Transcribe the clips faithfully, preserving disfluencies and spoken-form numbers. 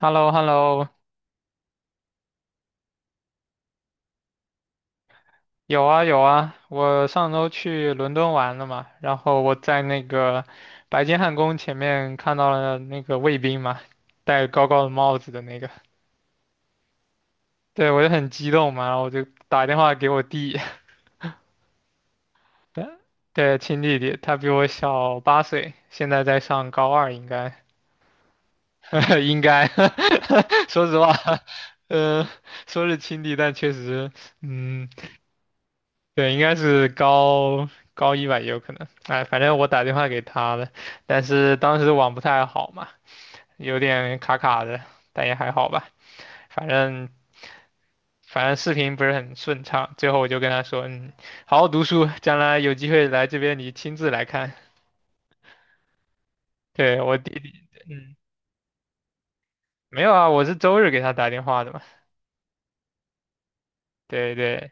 h e l l o h e l l o 有啊有啊，我上周去伦敦玩了嘛，然后我在那个白金汉宫前面看到了那个卫兵嘛，戴高高的帽子的那个，对我就很激动嘛，然后我就打电话给我弟，对，对亲弟弟，他比我小八岁，现在在上高二，应该 应该，说实话，呃，说是亲弟，但确实，嗯，对，应该是高高一吧，也有可能。哎，反正我打电话给他了，但是当时网不太好嘛，有点卡卡的，但也还好吧。反正反正视频不是很顺畅，最后我就跟他说，嗯，好好读书，将来有机会来这边你亲自来看。对，我弟弟，嗯，没有啊，我是周日给他打电话的嘛。对对，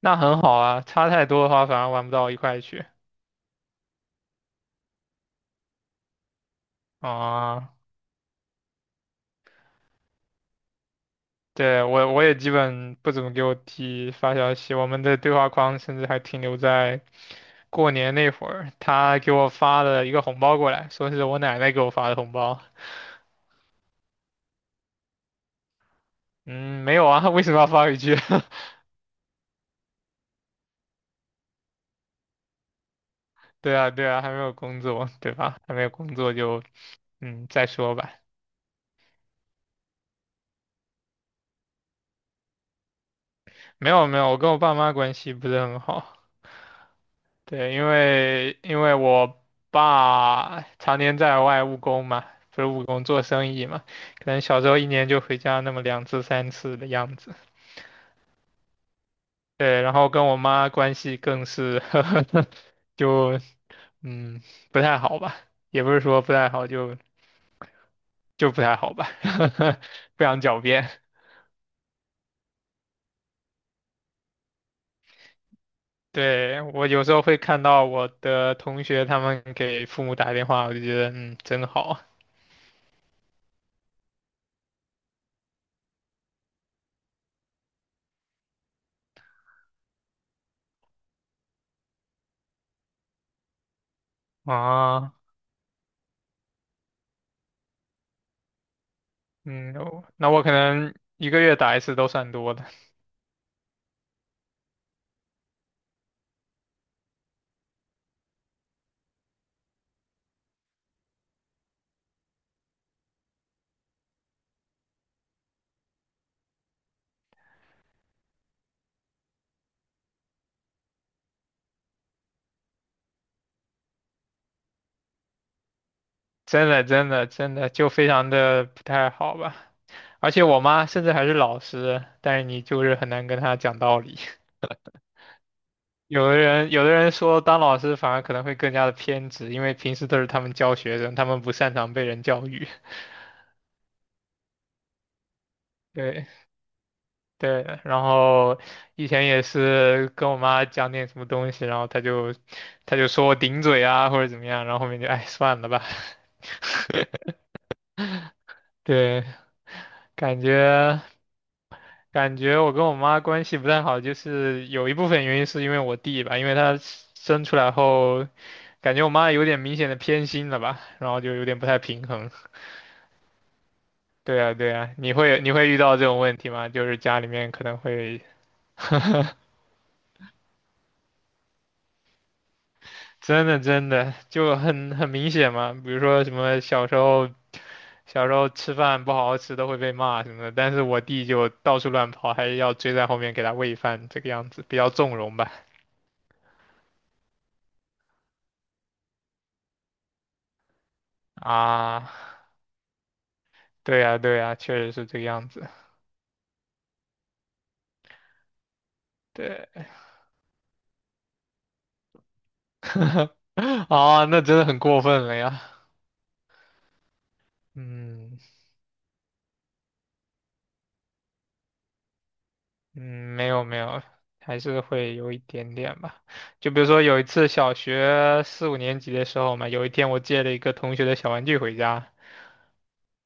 那很好啊，差太多的话反而玩不到一块去啊。哦对，我我也基本不怎么给我弟发消息，我们的对话框甚至还停留在过年那会儿，他给我发了一个红包过来，说是我奶奶给我发的红包。嗯，没有啊，为什么要发回去？对啊，对啊，还没有工作，对吧？还没有工作就嗯再说吧。没有没有，我跟我爸妈关系不是很好。对，因为因为我爸常年在外务工嘛，不是务工做生意嘛，可能小时候一年就回家那么两次三次的样子。对，然后跟我妈关系更是 就嗯不太好吧，也不是说不太好，就就不太好吧，不想狡辩。对，我有时候会看到我的同学他们给父母打电话，我就觉得嗯真好啊。嗯，我那我可能一个月打一次都算多的，真的真的真的就非常的不太好吧。而且我妈甚至还是老师，但是你就是很难跟她讲道理。有的人有的人说当老师反而可能会更加的偏执，因为平时都是他们教学生，他们不擅长被人教育。对对，然后以前也是跟我妈讲点什么东西，然后她就她就说我顶嘴啊或者怎么样，然后后面就哎算了吧。对，感觉感觉我跟我妈关系不太好，就是有一部分原因是因为我弟吧，因为他生出来后，感觉我妈有点明显的偏心了吧，然后就有点不太平衡。对啊，对啊，你会你会遇到这种问题吗？就是家里面可能会真的真的就很很明显嘛，比如说什么小时候小时候吃饭不好好吃都会被骂什么的，但是我弟就到处乱跑，还要追在后面给他喂饭，这个样子比较纵容吧。啊。对呀，对呀，确实是这个样子。对，啊，那真的很过分了呀。嗯嗯，没有没有，还是会有一点点吧。就比如说有一次小学四五年级的时候嘛，有一天我借了一个同学的小玩具回家，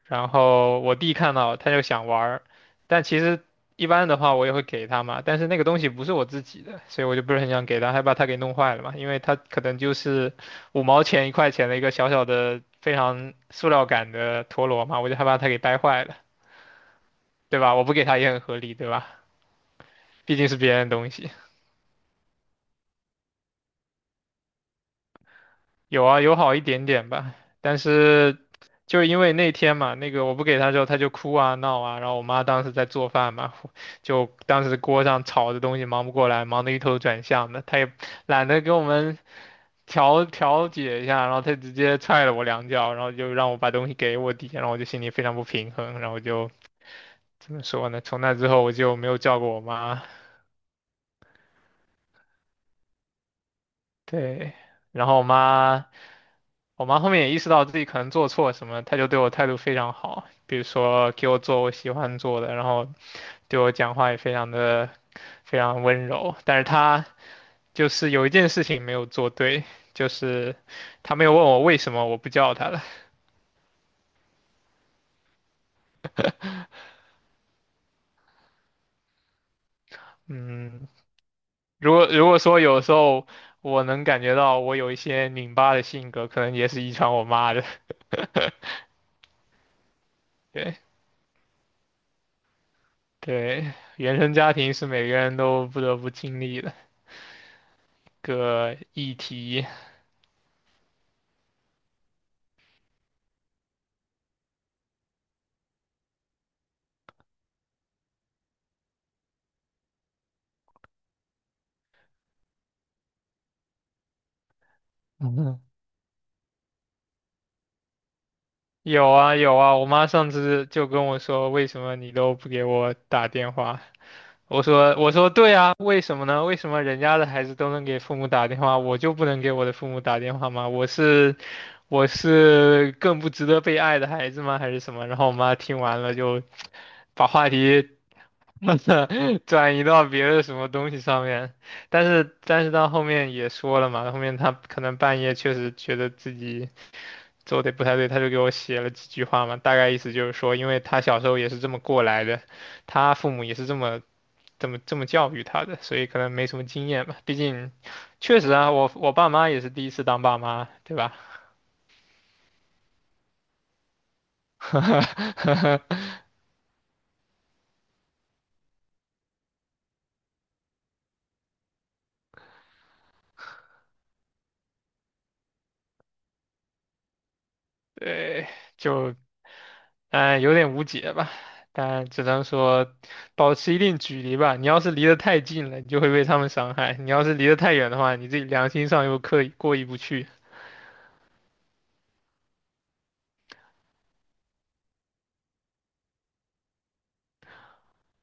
然后我弟看到他就想玩儿，但其实一般的话我也会给他嘛，但是那个东西不是我自己的，所以我就不是很想给他，害怕他给弄坏了嘛，因为他可能就是五毛钱一块钱的一个小小的非常塑料感的陀螺嘛，我就害怕他给掰坏了，对吧？我不给他也很合理，对吧？毕竟是别人的东西。有啊，有好一点点吧，但是就因为那天嘛，那个我不给他之后，他就哭啊闹啊，然后我妈当时在做饭嘛，就当时锅上炒的东西忙不过来，忙得一头转向的，他也懒得给我们调调解一下，然后他直接踹了我两脚，然后就让我把东西给我弟，然后我就心里非常不平衡，然后我就怎么说呢？从那之后我就没有叫过我妈，对，然后我妈。我妈后面也意识到自己可能做错什么，她就对我态度非常好，比如说给我做我喜欢做的，然后对我讲话也非常的非常温柔。但是她就是有一件事情没有做对，就是她没有问我为什么我不叫她了。嗯，如果如果说有时候我能感觉到我有一些拧巴的性格，可能也是遗传我妈的。对对，原生家庭是每个人都不得不经历的个议题。有啊有啊，我妈上次就跟我说，为什么你都不给我打电话？我说我说对啊，为什么呢？为什么人家的孩子都能给父母打电话，我就不能给我的父母打电话吗？我是我是更不值得被爱的孩子吗？还是什么？然后我妈听完了就把话题 转移到别的什么东西上面，但是但是到后面也说了嘛，后面他可能半夜确实觉得自己做的不太对，他就给我写了几句话嘛，大概意思就是说，因为他小时候也是这么过来的，他父母也是这么这么这么教育他的，所以可能没什么经验吧。毕竟，确实啊，我我爸妈也是第一次当爸妈，对吧？对，就哎，有点无解吧，但只能说保持一定距离吧。你要是离得太近了，你就会被他们伤害；你要是离得太远的话，你自己良心上又刻意过意不去。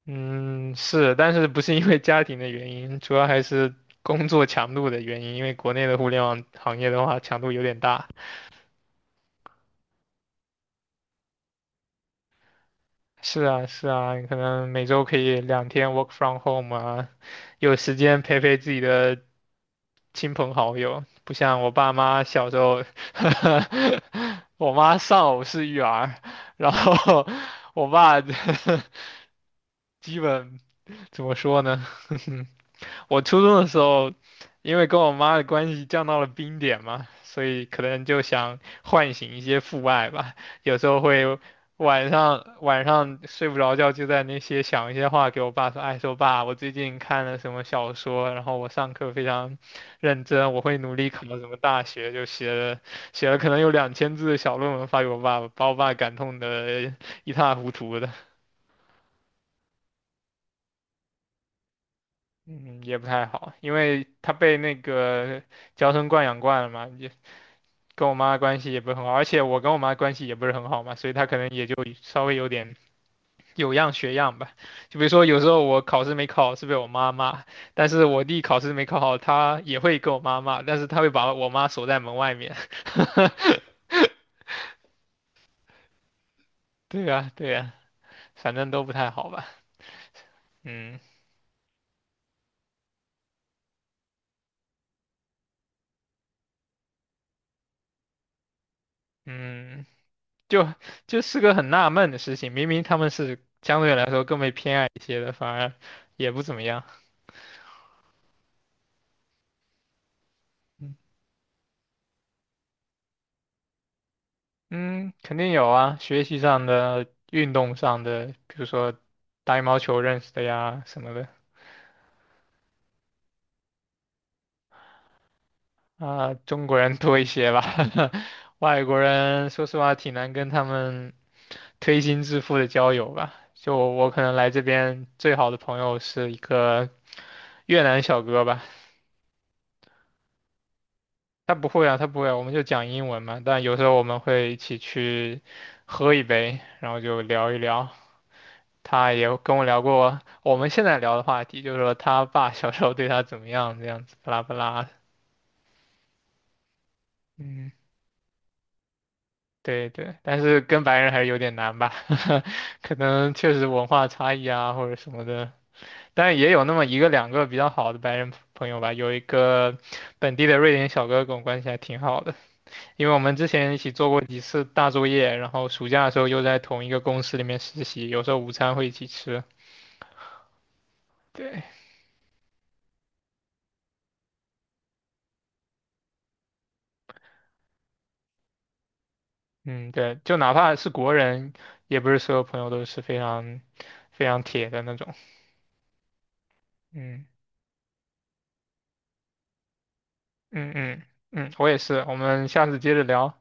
嗯，是，但是不是因为家庭的原因，主要还是工作强度的原因。因为国内的互联网行业的话，强度有点大。是啊，是啊，你可能每周可以两天 work from home 啊，有时间陪陪自己的亲朋好友，不像我爸妈小时候，我妈丧偶式育儿，然后我爸 基本怎么说呢？我初中的时候，因为跟我妈的关系降到了冰点嘛，所以可能就想唤醒一些父爱吧。有时候会晚上晚上睡不着觉，就在那些想一些话给我爸说，哎，说爸，我最近看了什么小说，然后我上课非常认真，我会努力考什么大学，就写了写了可能有两千字的小论文发给我爸，把我爸感动的一塌糊涂的，嗯，也不太好，因为他被那个娇生惯养惯了嘛，也跟我妈关系也不是很好，而且我跟我妈关系也不是很好嘛，所以他可能也就稍微有点有样学样吧。就比如说，有时候我考试没考好是被我妈骂，但是我弟考试没考好，他也会跟我妈骂，但是他会把我妈锁在门外面。对呀，对呀，反正都不太好吧。嗯嗯，就就是个很纳闷的事情，明明他们是相对来说更被偏爱一些的，反而也不怎么样。嗯，肯定有啊，学习上的、运动上的，比如说打羽毛球认识的呀什么的。啊、中国人多一些吧，外国人说实话挺难跟他们推心置腹的交友吧。就我可能来这边最好的朋友是一个越南小哥吧，他不会啊，他不会啊我们就讲英文嘛。但有时候我们会一起去喝一杯，然后就聊一聊。他也跟我聊过我们现在聊的话题，就是说他爸小时候对他怎么样，这样子，巴拉巴拉。嗯。对对，但是跟白人还是有点难吧，可能确实文化差异啊或者什么的，但也有那么一个两个比较好的白人朋友吧，有一个本地的瑞典小哥跟我关系还挺好的，因为我们之前一起做过几次大作业，然后暑假的时候又在同一个公司里面实习，有时候午餐会一起吃。对，嗯对，就哪怕是国人，也不是所有朋友都是非常非常铁的那种。嗯嗯嗯嗯，我也是，我们下次接着聊。